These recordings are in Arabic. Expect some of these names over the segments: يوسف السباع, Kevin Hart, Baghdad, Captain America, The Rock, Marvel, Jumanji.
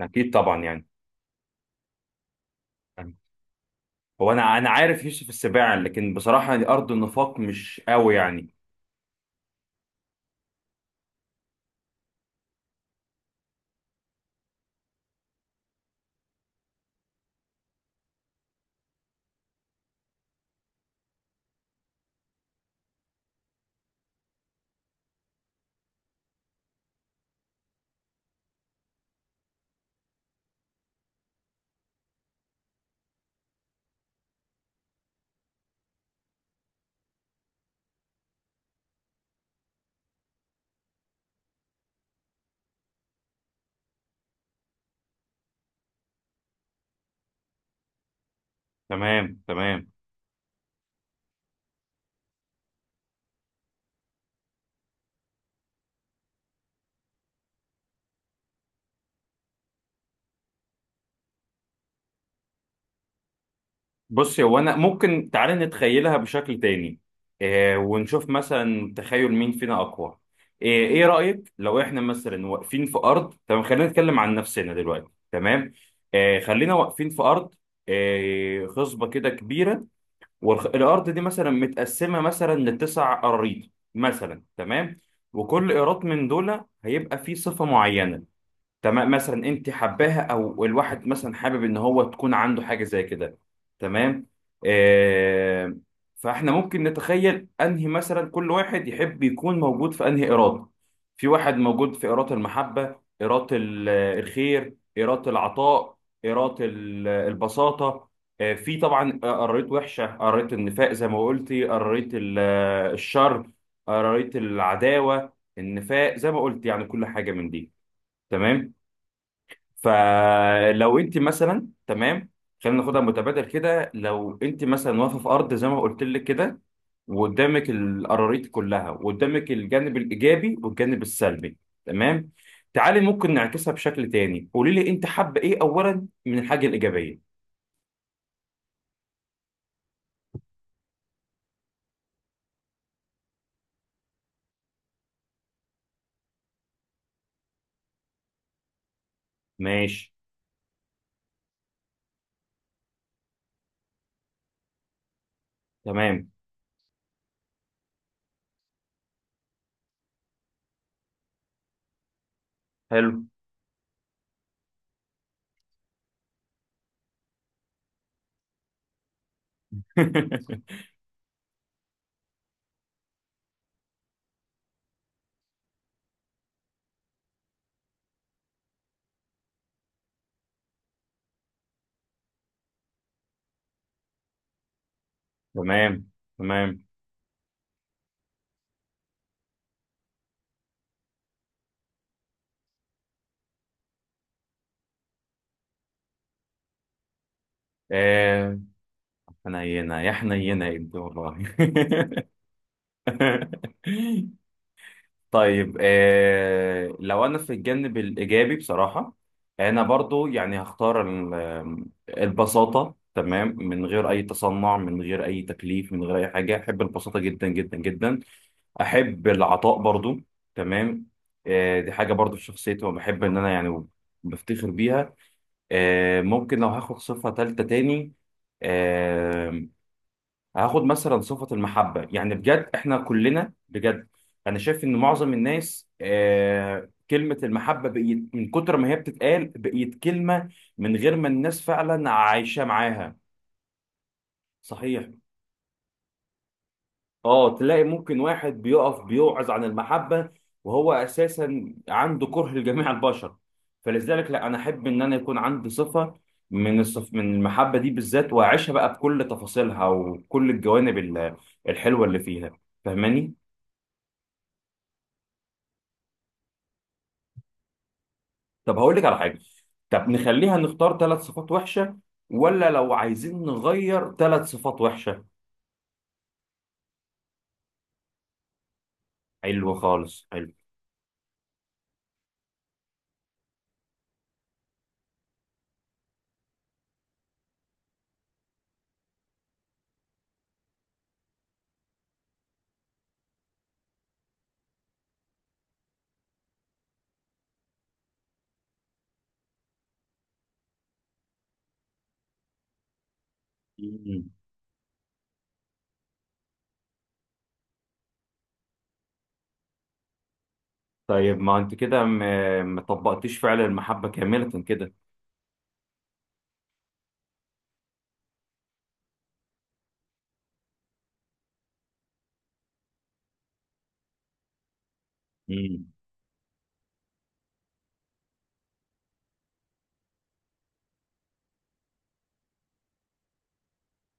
اكيد طبعا يعني. هو انا عارف يوسف السباع، لكن بصراحه دي ارض النفاق مش قوي يعني. تمام. بص، هو انا ممكن تعالى نتخيلها بشكل تاني. إيه، ونشوف مثلا تخيل مين فينا اقوى. إيه, ايه رايك لو احنا مثلا واقفين في ارض، تمام؟ خلينا نتكلم عن نفسنا دلوقتي، تمام؟ إيه، خلينا واقفين في ارض، إيه، خصبه كده كبيره. والارض دي مثلا متقسمه مثلا لتسع اراضي مثلا، تمام؟ وكل ايراد من دول هيبقى فيه صفه معينه، تمام. مثلا انت حباها او الواحد مثلا حابب ان هو تكون عنده حاجه زي كده، تمام. آه. فاحنا ممكن نتخيل انهي مثلا كل واحد يحب يكون موجود في انهي اراده. في واحد موجود في اراده المحبه، اراده الخير، اراده العطاء، اراده البساطه. آه، في طبعا قريت وحشه، قريت النفاق زي ما قلتي، قريت الشر، قريت العداوه، النفاق زي ما قلت، يعني كل حاجه من دي، تمام. فلو انت مثلا، تمام، خلينا ناخدها متبادل كده، لو انت مثلا واقفه في ارض زي ما قلت لك كده، وقدامك القراريط كلها، وقدامك الجانب الايجابي والجانب السلبي، تمام. تعالي ممكن نعكسها بشكل تاني، قولي لي انت حابه ايه اولا من الحاجه الايجابيه. ماشي. تمام، حلو. تمام تمام. آه. حنينه يا حنينه يا ابني والله. طيب، آه، لو انا في الجانب الايجابي بصراحه، انا برضو يعني هختار البساطه، تمام، من غير اي تصنع، من غير اي تكليف، من غير اي حاجه، احب البساطه جدا جدا جدا. احب العطاء برضو، تمام. آه، دي حاجه برضو في شخصيتي وبحب ان انا يعني بفتخر بيها. آه، ممكن لو هاخد صفه ثالثه تاني، آه، هاخد مثلا صفة المحبة، يعني بجد احنا كلنا بجد، انا شايف ان معظم الناس آه كلمة المحبة بقيت من كتر ما هي بتتقال بقيت كلمة من غير ما الناس فعلا عايشة معاها. صحيح. اه، تلاقي ممكن واحد بيقف بيوعظ عن المحبة، وهو اساسا عنده كره لجميع البشر. فلذلك لا، انا احب ان انا يكون عندي صفة من المحبة دي بالذات، واعيشها بقى بكل تفاصيلها وكل الجوانب الحلوة اللي فيها. فاهماني؟ طب هقول لك على حاجه، طب نخليها نختار ثلاث صفات وحشه، ولا لو عايزين نغير ثلاث صفات وحشه. حلو خالص، حلو. مم. طيب ما انت كده ما طبقتيش فعل المحبه كامله كده. مم.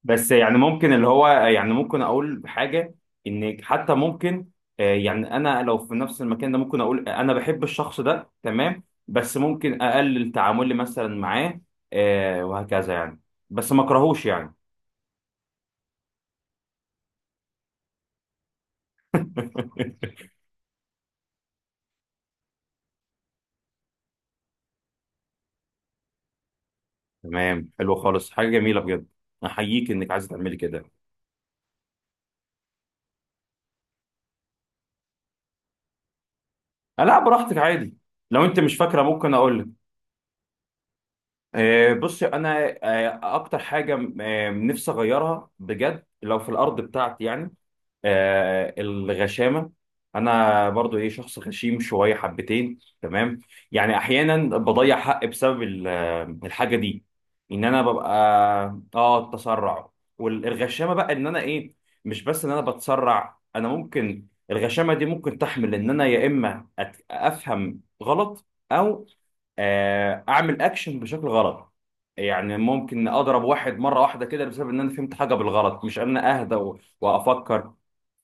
بس يعني ممكن اللي هو، يعني ممكن اقول حاجه، ان حتى ممكن، يعني انا لو في نفس المكان ده ممكن اقول انا بحب الشخص ده، تمام، بس ممكن اقلل تعاملي مثلا معاه. آه، وهكذا يعني، بس ما اكرهوش يعني. تمام، حلو خالص، حاجه جميله بجد، احييك انك عايزه تعملي كده. آه، لا براحتك عادي، لو انت مش فاكره ممكن اقول لك. بصي انا، اكتر حاجه نفسي اغيرها بجد لو في الارض بتاعتي يعني، آه، الغشامة. أنا برضو إيه، شخص غشيم شوية حبتين، تمام. يعني أحيانا بضيع حق بسبب الحاجة دي، إن أنا ببقى. آه، التسرع والغشامة بقى، إن أنا إيه، مش بس إن أنا بتسرع، أنا ممكن الغشامة دي ممكن تحمل إن أنا يا إما أفهم غلط، أو أعمل أكشن بشكل غلط. يعني ممكن اضرب واحد مره واحده كده بسبب ان انا فهمت حاجه بالغلط، مش ان انا اهدى وافكر.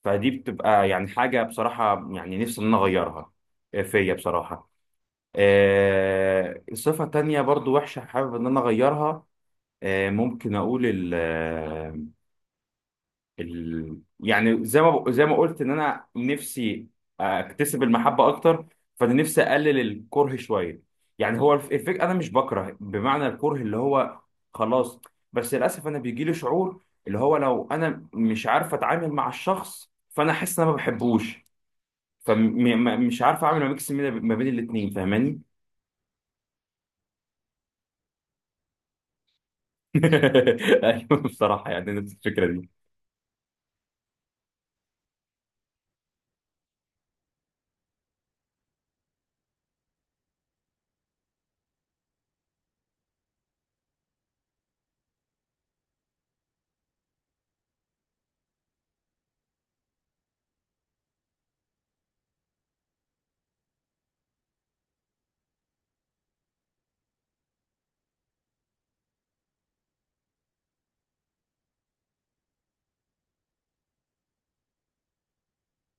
فدي بتبقى يعني حاجة بصراحة يعني نفسي إن أنا أغيرها. آه، فيا بصراحة. صفة تانية برضو وحشة حابب إن أنا أغيرها، ممكن أقول ال آه، ال يعني زي ما قلت إن أنا نفسي أكتسب المحبة أكتر، فأنا نفسي أقلل الكره شوية. يعني هو الفكرة، أنا مش بكره بمعنى الكره اللي هو خلاص، بس للأسف أنا بيجيلي شعور اللي هو لو أنا مش عارف أتعامل مع الشخص فأنا أحس إن أنا ما بحبوش. فمش عارف اعمل ميكس ما بين الاثنين، فاهماني؟ ايوه بصراحه، يعني نفس الفكره دي.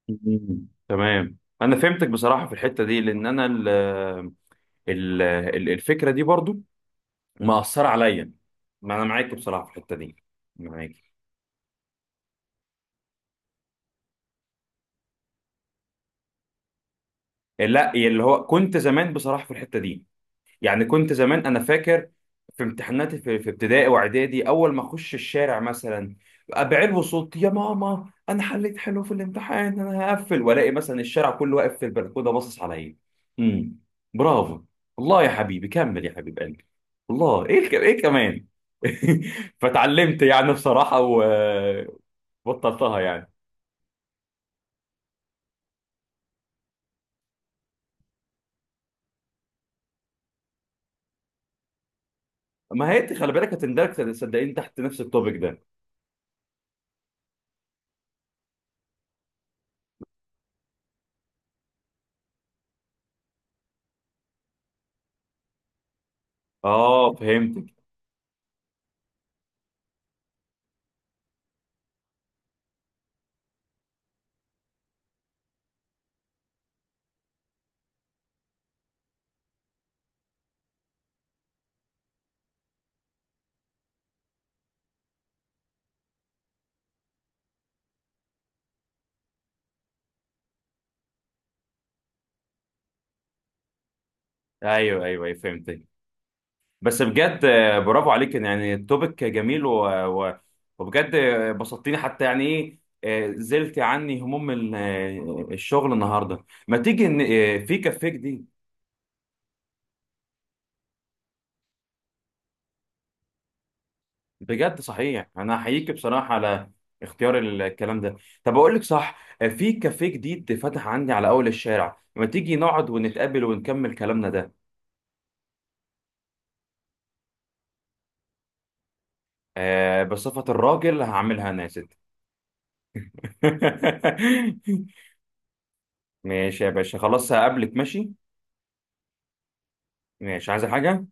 مم. تمام، انا فهمتك بصراحه في الحته دي، لان انا الفكره دي برضو مأثره عليا. ما انا معاك بصراحه في الحته دي. معاك. لا، اللي هو كنت زمان بصراحه في الحته دي، يعني كنت زمان انا فاكر في امتحاناتي في ابتدائي واعدادي، اول ما اخش الشارع مثلا بعلو صوتي: يا ماما انا حليت حلو في الامتحان، انا هقفل والاقي مثلا الشارع كله واقف في البلكونه باصص عليا. امم، برافو، الله يا حبيبي كمل يا حبيب قلبي، الله، ايه كمان. فتعلمت يعني بصراحه وبطلتها يعني. ما هي انت خلي بالك هتندرج صدقين تحت نفس التوبيك ده. اه فهمتك. ايوه ايوه أيوة، فهمتك. بس بجد، آه، برافو عليك، يعني التوبيك جميل و... وبجد آه، بسطتني حتى، يعني ايه، آه، زلت عني هموم آه، الشغل النهارده. ما تيجي آه، في كفيك دي. بجد صحيح انا احييك بصراحه على اختيار الكلام ده. طب اقول لك صح، آه، في كافيه جديد فتح عندي على اول الشارع، ما تيجي نقعد ونتقابل ونكمل كلامنا ده. آه، بصفة الراجل هعملها انا يا ست. ماشي يا باشا، خلاص هقابلك، ماشي. ماشي، عايز حاجة؟